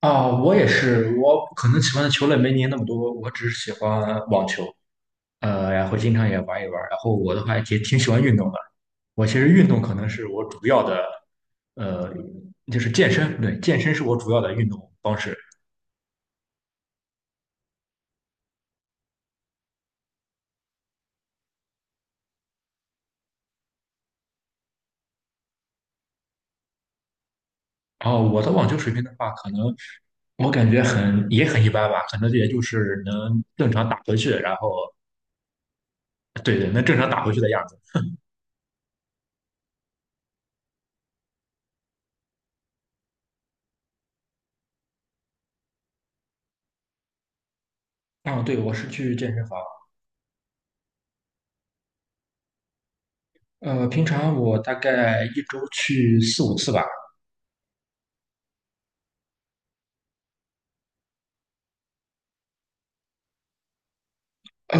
啊，我也是，我可能喜欢的球类没您那么多，我只是喜欢网球，然后经常也玩一玩。然后我的话也挺喜欢运动的，我其实运动可能是我主要的，呃，就是健身，对，健身是我主要的运动方式。然后我的网球水平的话，可能我感觉很也很一般吧，可能也就是能正常打回去，然后对对，能正常打回去的样子。啊，对，我是去健身房，平常我大概一周去四五次吧。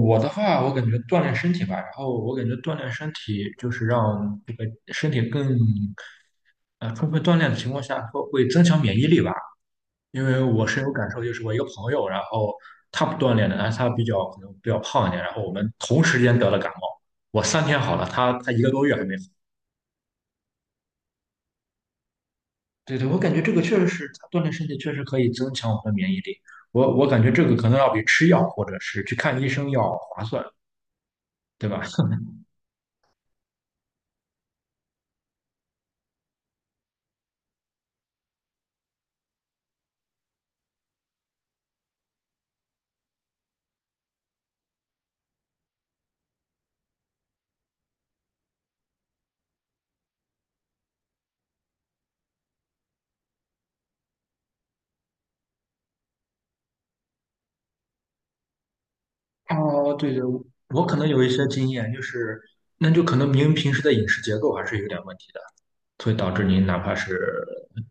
我的话，我感觉锻炼身体吧，然后我感觉锻炼身体就是让这个身体更充分锻炼的情况下，会增强免疫力吧。因为我深有感受，就是我一个朋友，然后他不锻炼的，但是他比较可能比较胖一点，然后我们同时间得了感冒，我3天好了，他一个多月还没好。对对，我感觉这个确实是，锻炼身体确实可以增强我们的免疫力。我感觉这个可能要比吃药或者是去看医生要划算，对吧？哦，对对，我可能有一些经验，就是那就可能您平时的饮食结构还是有点问题的，所以导致您哪怕是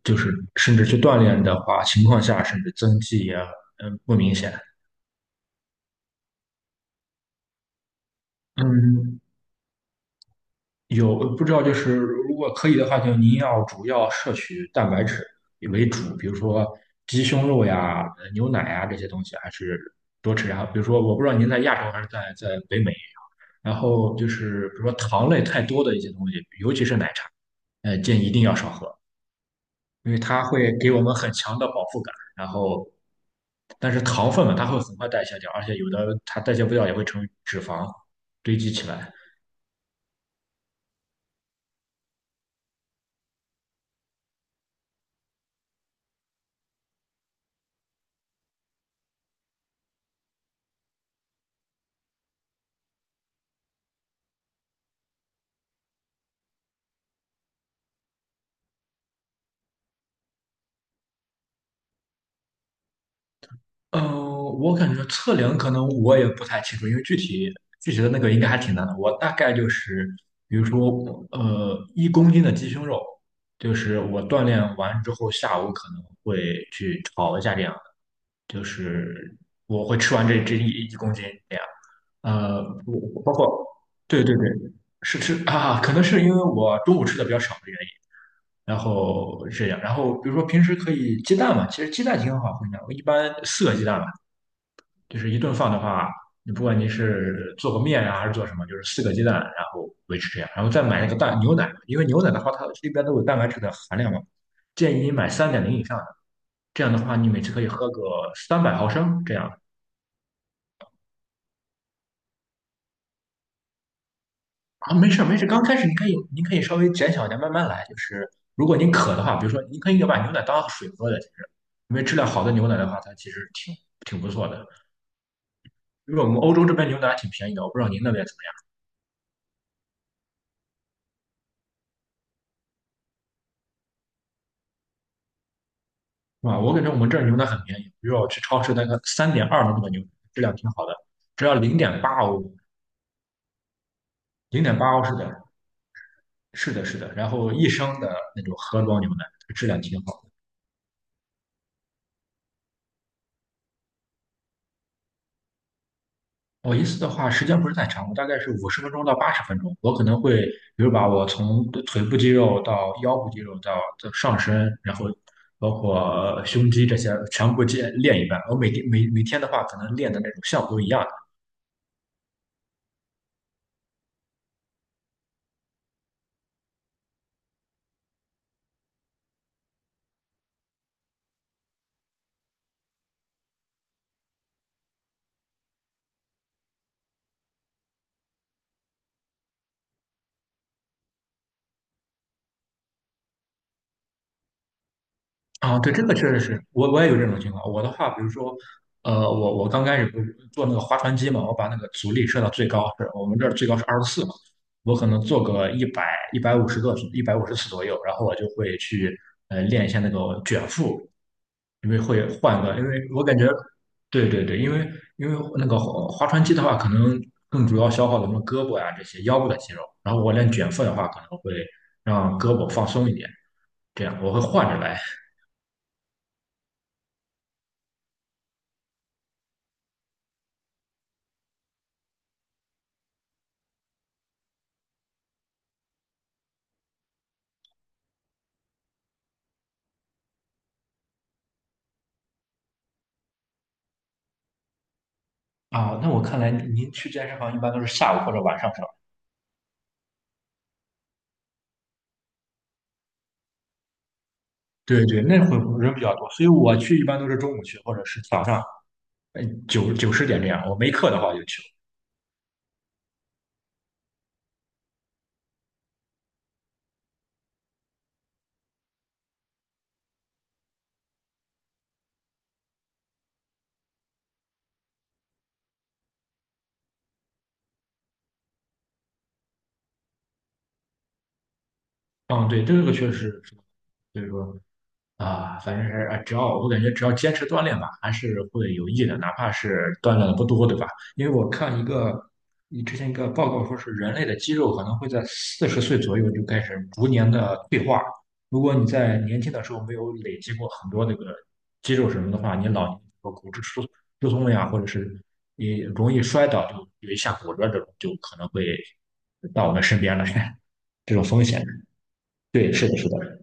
就是甚至去锻炼的话，情况下甚至增肌也不明显。嗯，有不知道，就是如果可以的话，就您要主要摄取蛋白质为主，比如说鸡胸肉呀、牛奶呀这些东西，还是多吃。然后比如说，我不知道您在亚洲还是在北美啊，然后就是比如说糖类太多的一些东西，尤其是奶茶，建议一定要少喝，因为它会给我们很强的饱腹感。然后，但是糖分嘛，它会很快代谢掉，而且有的它代谢不掉也会成为脂肪堆积起来。嗯，我感觉测量可能我也不太清楚，因为具体的那个应该还挺难的。我大概就是，比如说，一公斤的鸡胸肉，就是我锻炼完之后，下午可能会去炒一下这样的，就是我会吃完这一公斤这样。我包括，对对对，是吃啊，可能是因为我中午吃的比较少的原因。然后这样，然后比如说平时可以鸡蛋嘛，其实鸡蛋挺好分的。我一般四个鸡蛋吧，就是一顿饭的话，你不管你是做个面啊还是做什么，就是四个鸡蛋，然后维持这样，然后再买那个蛋牛奶，因为牛奶的话它里边都有蛋白质的含量嘛，建议你买3.0以上的，这样的话你每次可以喝个300毫升这样。啊，没事儿没事儿，刚开始你可以您可以稍微减小一点，慢慢来。就是如果您渴的话，比如说您可以把牛奶当水喝的，其实因为质量好的牛奶的话，它其实挺不错的。因为我们欧洲这边牛奶还挺便宜的，我不知道您那边怎么样，是吧？我感觉我们这儿牛奶很便宜，比如说我去超市那个3.2的那个牛奶，质量挺好的，只要零点八欧，零点八欧，是的，是的，是的。然后1升的那种盒装牛奶，质量挺好。我一次的话，时间不是太长，我大概是50分钟到80分钟。我可能会，比如把我从腿部肌肉到腰部肌肉到上身，然后包括胸肌这些全部练一遍。我每天的话，可能练的那种项目都一样。啊，对，这个确实是我也有这种情况。我的话，比如说，我刚开始不是做那个划船机嘛，我把那个阻力设到最高，是我们这儿最高是24嘛，我可能做个150次左右，然后我就会去练一下那个卷腹，因为会换个，因为我感觉，对对对，因为因为那个划船机的话，可能更主要消耗的什么胳膊呀、这些腰部的肌肉，然后我练卷腹的话，可能会让胳膊放松一点，这样我会换着来。啊，那我看来您去健身房一般都是下午或者晚上是吧？对对，那会人比较多，所以我去一般都是中午去，或者是早上，呃，九十点这样。我没课的话就去。嗯，对，这个确实是，所以说。啊，反正是啊，只要我感觉只要坚持锻炼吧，还是会有益的，哪怕是锻炼的不多，对吧？因为我看一个，你之前一个报告说是人类的肌肉可能会在40岁左右就开始逐年的退化。如果你在年轻的时候没有累积过很多那个肌肉什么的话，你老年和骨质疏松呀，或者是你容易摔倒，就有一下骨折这种，就可能会到我们身边来，这种风险。对，是的，是的。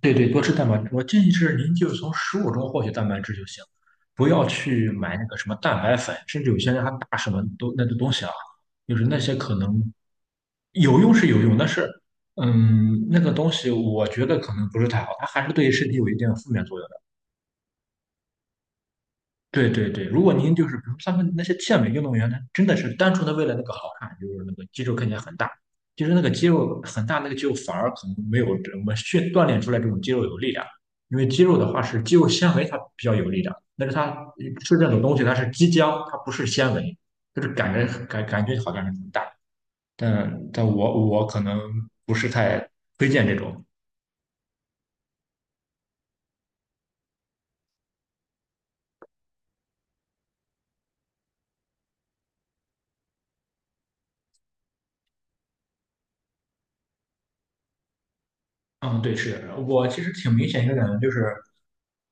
对对，多吃蛋白质。我建议是您就是从食物中获取蛋白质就行，不要去买那个什么蛋白粉，甚至有些人还打什么都那个东西啊，就是那些可能有用是有用，但是那个东西我觉得可能不是太好，它还是对身体有一定的负面作用。对对对，如果您就是比如他们那些健美运动员，他真的是单纯的为了那个好看，就是那个肌肉看起来很大，其实那个肌肉很大，那个肌肉反而可能没有我们训锻炼出来这种肌肉有力量，因为肌肉的话是肌肉纤维它比较有力量，但是它吃这种东西它是肌浆，它不是纤维，就是感觉好像是很大，但我可能不是太推荐这种。嗯，对，是我其实挺明显一个感觉就是。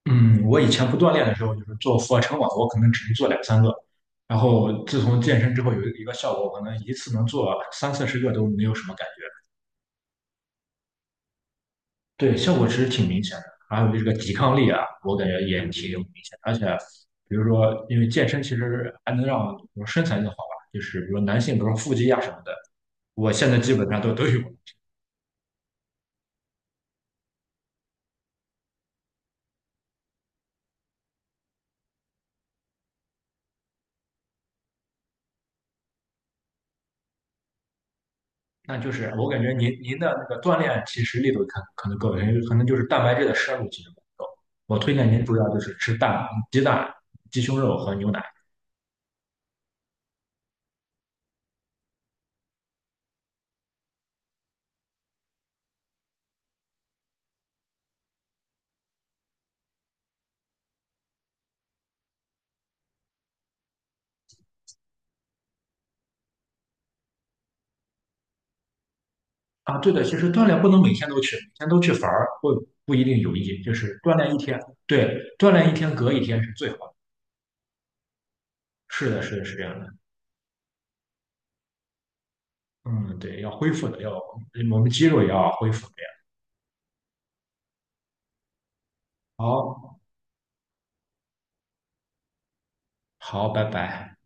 嗯，我以前不锻炼的时候，就是做俯卧撑嘛，我可能只能做两三个。然后自从健身之后，有一个效果，我可能一次能做三四十个都没有什么感觉。对，效果其实挺明显的。还有这个抵抗力啊，我感觉也挺明显而且，比如说，因为健身其实还能让我身材更好吧，就是比如男性，比如说腹肌呀、什么的，我现在基本上都有。那就是我感觉您的那个锻炼其实力度可能够，可能就是蛋白质的摄入其实不够。我推荐您主要就是吃蛋、鸡蛋、鸡胸肉和牛奶啊。对的，其实锻炼不能每天都去，每天都去反而会不一定有益。就是锻炼一天，对，锻炼一天隔一天是最好的。是的，是的，是这样的。嗯，对，要恢复的，要我们肌肉也要恢复的呀。好，好，拜拜。